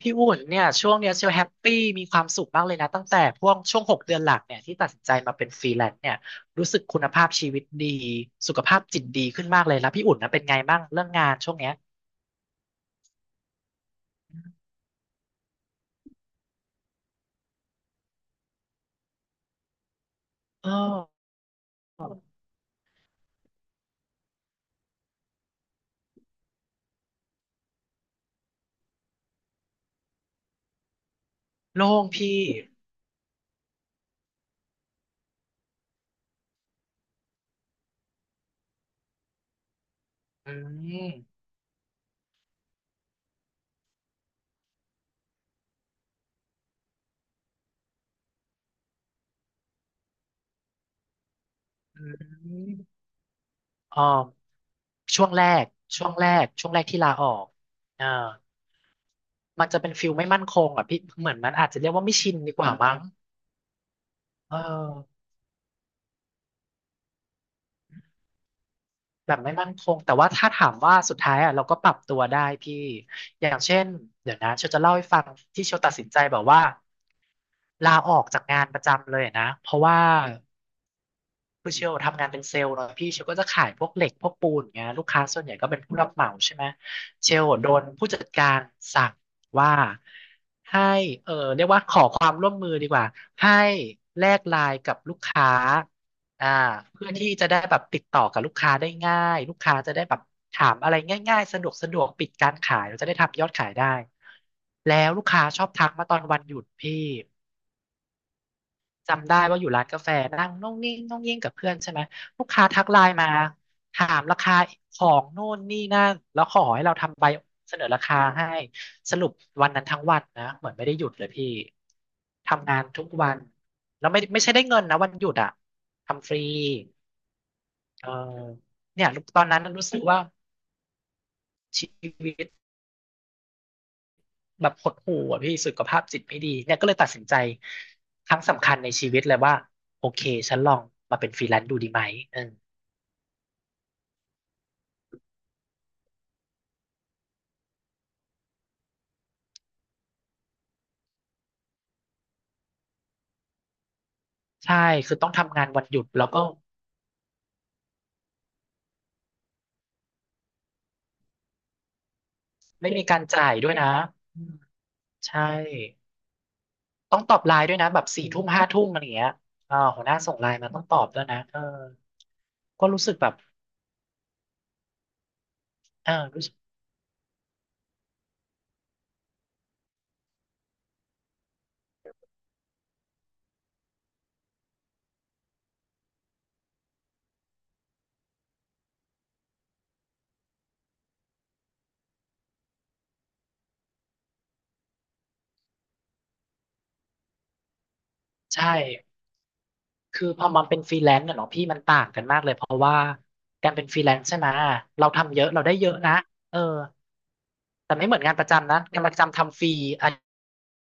พี่อุ่นเนี่ยช่วงเนี้ยเชียวแฮปปี้มีความสุขมากเลยนะตั้งแต่พวกช่วง6 เดือนหลังเนี่ยที่ตัดสินใจมาเป็นฟรีแลนซ์เนี่ยรู้สึกคุณภาพชีวิตดีสุขภาพจิตดีขึ้นมากเลยแล้วพี่อุ่นนะเป็นไงบ้างเรื่องงานช่วงเนี้ยเออโล่งพี่อืมอืมอ๋อช่วงแรกช่วงแรกที่ลาออกเอ่ามันจะเป็นฟิลไม่มั่นคงอ่ะพี่เหมือนมันอาจจะเรียกว่าไม่ชินดีกว่ามั้งเออ แบบไม่มั่นคงแต่ว่าถ้าถามว่าสุดท้ายอ่ะเราก็ปรับตัวได้พี่อย่างเช่นเดี๋ยวนะเชลจะเล่าให้ฟังที่เชลตัดสินใจแบบว่าลาออกจากงานประจำเลยนะเพราะว่า คือเชลทำงานเป็นเซลล์เนาะพี่เชลก็จะขายพวกเหล็กพวกปูนอย่างเงี้ยลูกค้าส่วนใหญ่ก็เป็นผู้รับเหมาใช่ไหมเชลโดนผู้จัดการสั่งว่าให้เออเรียกว่าขอความร่วมมือดีกว่าให้แลกไลน์กับลูกค้าอ่าเพื่อที่จะได้แบบติดต่อกับลูกค้าได้ง่ายลูกค้าจะได้แบบถามอะไรง่ายๆสะดวกสะดวกปิดการขายเราจะได้ทำยอดขายได้แล้วลูกค้าชอบทักมาตอนวันหยุดพี่ จำได้ว่าอยู่ร้านกาแฟนั่งน่องนิ่งน่องยิ่งกับเพื่อนใช่ไหมลูกค้าทักไลน์มาถามราคาของโน่นนี่นั่นแล้วขอให้เราทำใบเสนอราคาให้สรุปวันนั้นทั้งวันนะเหมือนไม่ได้หยุดเลยพี่ทำงานทุกวันแล้วไม่ใช่ได้เงินนะวันหยุดอ่ะทำฟรีเออเนี่ยตอนนั้นรู้สึกว่าชีวิตแบบหดหู่อ่ะพี่สุขภาพจิตไม่ดีเนี่ยก็เลยตัดสินใจครั้งสำคัญในชีวิตเลยว่าโอเคฉันลองมาเป็นฟรีแลนซ์ดูดีไหมเออ ใช่ คือต้องทำงานวันหยุดแล้วก็ไม่มีการจ่ายด้วยนะอืมใช่ ต้องตอบไลน์ด้วยนะแบบสี่ทุ่มห้าทุ่มอะไรอย่างเงี้ยอ่าหัวหน้าส่งไลน์มาต้องตอบด้วยนะเออก็รู้สึกแบบเออรู้สึกใช่ คือพอมันเป็นฟรีแลนซ์อะเนาะพี่มันต่างกันมากเลยเพราะว่าการเป็นฟรีแลนซ์ใช่ไหม เราทำเยอะเราได้เยอะนะเออ แต่ไม่เหมือนงานประจำนะงานประจำทำฟรีอัน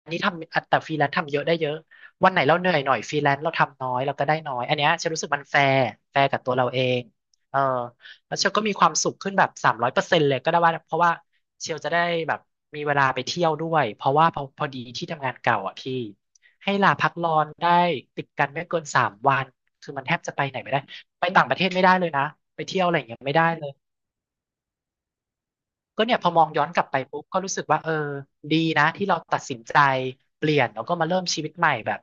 นนี้ทำอันแต่ฟรีแลนซ์ทำเยอะได้เยอะวันไหนเราเหนื่อยหน่อยฟรีแลนซ์เราทำน้อยเราก็ได้น้อยอันเนี้ยฉันรู้สึกมันแฟร์แฟร์กับตัวเราเองเออแล้วเชลก็มีความสุขขึ้นแบบ300%เลยก็ได้ว่าเพราะว่าเชลจะได้แบบมีเวลาไปเที่ยวด้วยเพราะว่าพอพอดีที่ทำงานเก่าอ่ะพี่ให้ลาพักร้อนได้ติดกันไม่เกิน3 วันคือมันแทบจะไปไหนไม่ได้ไปต่างประเทศไม่ได้เลยนะไปเที่ยวอะไรอย่างเงี้ยไม่ได้เลย ก็เนี่ยพอมองย้อนกลับไปปุ๊บก็รู้สึกว่าเออดีนะที่เราตัดสินใจเปลี่ยนแล้วก็มาเริ่มชีวิตใหม่แบบ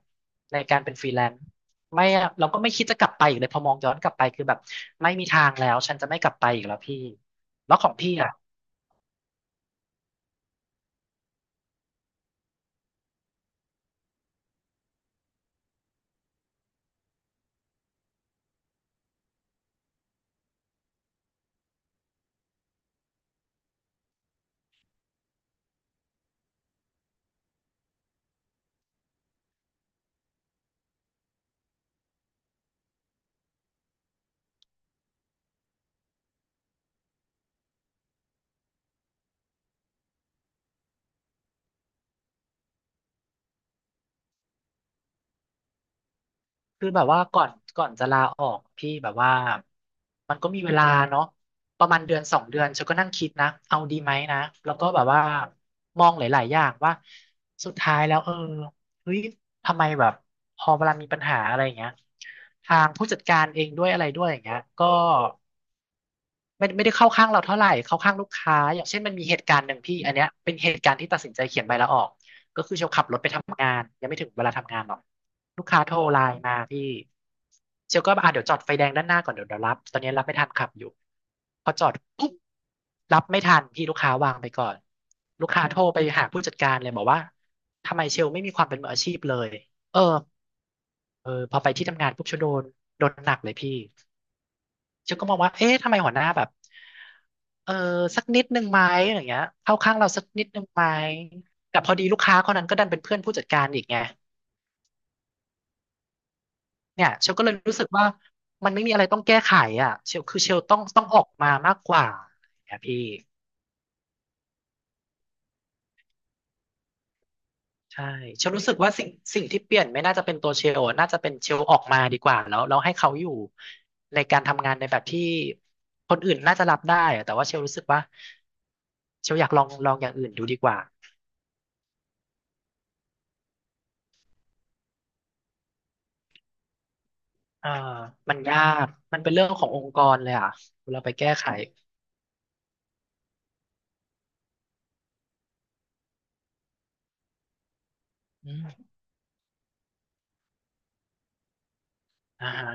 ในการเป็นฟรีแลนซ์ไม่เราก็ไม่คิดจะกลับไปอีกเลยพอมองย้อนกลับไปคือแบบไม่มีทางแล้วฉันจะไม่กลับไปอีกแล้วพี่แล้วของพี่อ่ะ คือแบบว่าก่อนจะลาออกพี่แบบว่ามันก็มีเวลาเนาะประมาณเดือนสองเดือนฉันก็นั่งคิดนะเอาดีไหมนะแล้วก็แบบว่ามองหลายๆอย่างว่าสุดท้ายแล้วเออเฮ้ยทำไมแบบพอเวลามีปัญหาอะไรอย่างเงี้ยทางผู้จัดการเองด้วยอะไรด้วยอย่างเงี้ยก็ ไม่ได้เข้าข้างเราเท่าไหร่เข้าข้างลูกค้าอย่างเช่นมันมีเหตุการณ์หนึ่งพี่อันเนี้ยเป็นเหตุการณ์ที่ตัดสินใจเขียนใบลาออกก็คือเชลขับรถไปทำงานยังไม่ถึงเวลาทำงานหรอกลูกค้าโทรไลน์มาพี่เชลก็อ่ะเดี๋ยวจอดไฟแดงด้านหน้าก่อนเดี๋ยวรับตอนนี้รับไม่ทันขับอยู่พอจอดปุ๊บรับไม่ทันพี่ลูกค้าวางไปก่อนลูกค้าโทรไปหาผู้จัดการเลยบอกว่าทำไมเชลไม่มีความเป็นมืออาชีพเลยเออเออพอไปที่ทำงานปุ๊บเชลโดนโดนหนักเลยพี่ ฉันก็มองว่าเอ๊ะทำไมหัวหน้าแบบเออสักนิดนึงไหมอะไรอย่างเงี้ยเข้าข้างเราสักนิดนึงไหมแต่พอดีลูกค้าคนนั้นก็ดันเป็นเพื่อนผู้จัดการอีกไงเนี่ยเชลก็เลยรู้สึกว่า มันไม่มีอะไรต้องแก้ไขอ่ะเชลคือเชลต้องออกมามากกว่าเนี่ยพี่ใช่เชลรู้สึกว่าสิ่งที่เปลี่ยนไม่น่าจะเป็นตัวเชลอะน่าจะเป็นเชลออกมาดีกว่าแล้วให้เขาอยู่ในการทำงานในแบบที่คนอื่นน่าจะรับได้อะแต่ว่าเชลรู้สึกว่าเชลอยากลองอย่างอื่นดูดีกว่า อ่ามันยากมันเป็นเรื่องขององค์กรเลยอ่ะเราไปแก้ไขอืมอ่าฮะ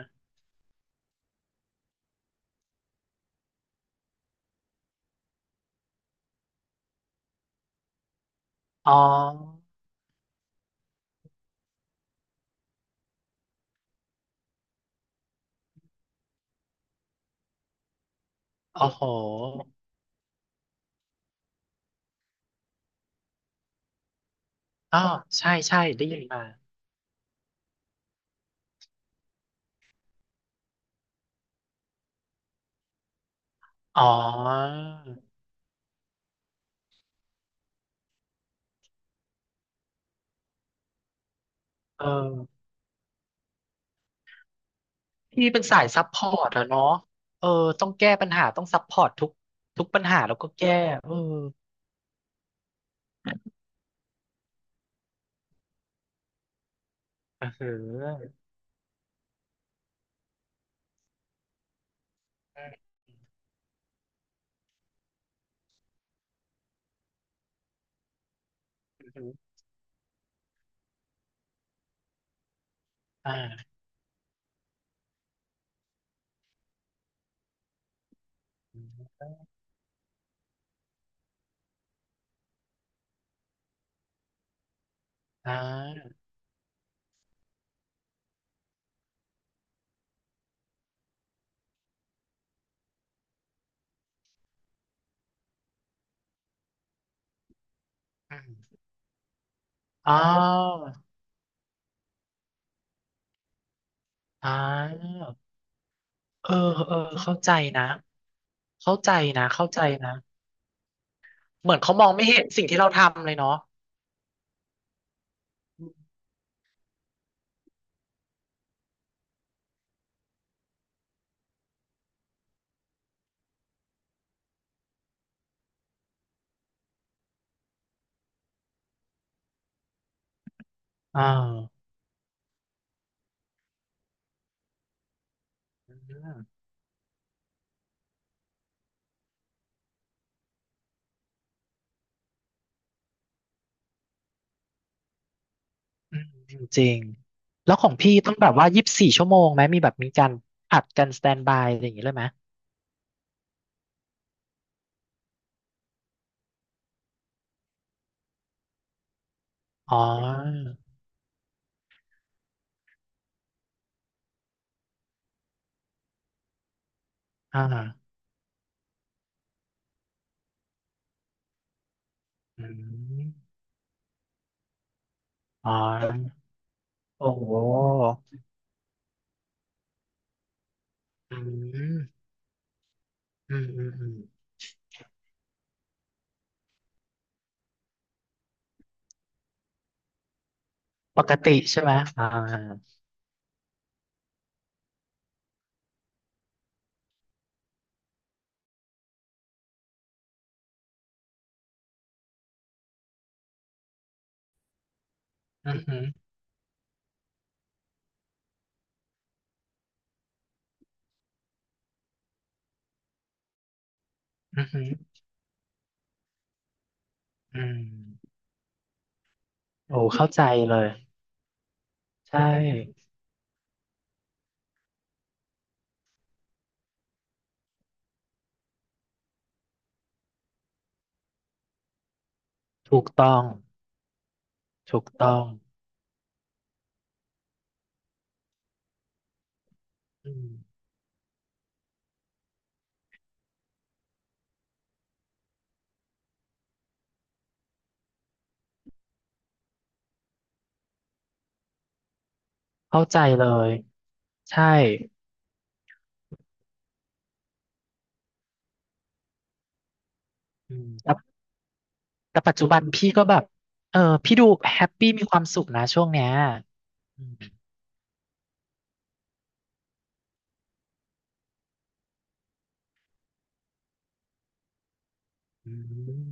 อ๋อโอ้โหอ๋อใช่ใช่ได้ยินมาอ๋อเออพี่เป็นสายซัพพอร์ตอะเนาะเออต้องแก้ปัญหาต้องซัพพอร์ตทุกปัญหาแล้วก็แก้เออเออหืออ่าอ่าอมอ๋ออ๋อเออเออเข้าใจนะเข้าใจนะเข้าใจนะ เหมือนเขามองไม่เห็นสิ่งที่เราทำเลยเนาะอ่าอืมอืมจริงๆแล้วของพี่ต้องแบบว่า24 ชั่วโมงไหม มีแบบมีการผัดกันสแตนบายอะไรอย่างงี้เลยไหม อ๋ออ่าอืมอ๋อ โอ้โหอืมอืมอืมอืมปกติใช่ไหมอ่าอืมอืมอืมอืมโอ้ เข้าใจเลย ใช่ ถูกต้อง ถูกต้องอืมเข้าใจเลย ใช่อืม แต่ปัจจุบันพี่ก็แบบเออพี่ดูแฮปปี้มีความสุขนะช่วงเนี้ยอืม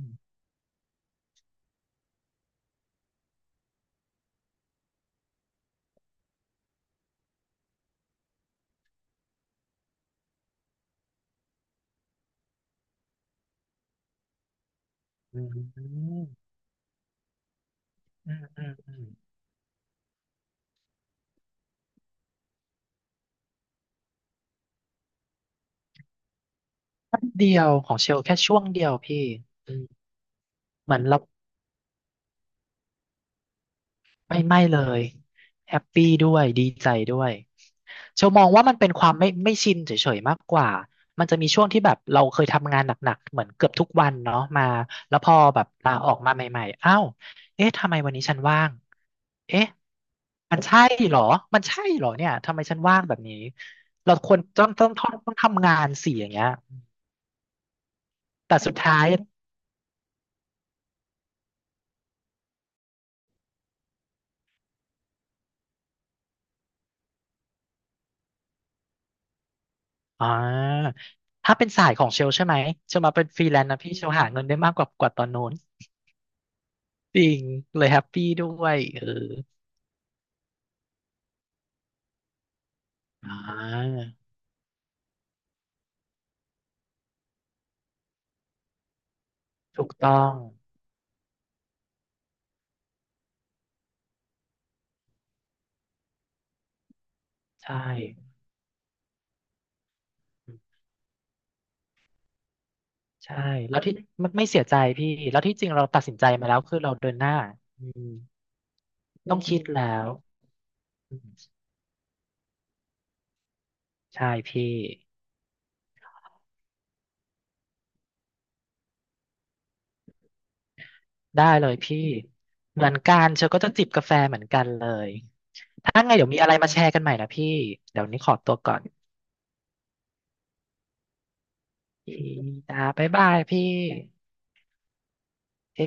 อืมอืมอืมอืมอืมอืมแป๊บเดียวของเชลแค่ช่วงเดียวพี่อืมเหมือนเราไม่เลยแฮปปี้ด้วยดีใจด้วยเชลมองว่ามันเป็นความไม่ชินเฉยๆมากกว่ามันจะมีช่วงที่แบบเราเคยทำงานหนักๆเหมือนเกือบทุกวันเนาะมาแล้วพอแบบลาออกมาใหม่ๆอ้าวเอ๊ะทำไมวันนี้ฉันว่าง เอ๊ะมันใช่เหรอมันใช่เหรอเนี่ยทำไมฉันว่างแบบนี้ เราควรต้องทำงานสิอย่างเงี้ย แต่สุดท้ายอ่าถ้าเป็นสายของเชลใช่ไหมเชลมาเป็นฟรีแลนซ์นะพี่เชลหาเงินได้มากกว่าตอนโน้น จริงเลยแฮปปี้ด้วยเอออ่าถูกต้อง ใช่ใช่แล้วที่ไม่เสียใจพี่ แล้วที่จริงเราตัดสินใจมาแล้วคือเราเดินหน้าอืมต้องคิดแล้วอืมใช่พี่ ได้เลยพี่เหมือนกันเชลก็จะจิบกาแฟเหมือนกันเลยถ้าไงเดี๋ยวมีอะไรมาแชร์กันใหม่นะพี่เดี๋ยวนี้ขอตัวก่อนพี่จ้าบ๊ายบายพี่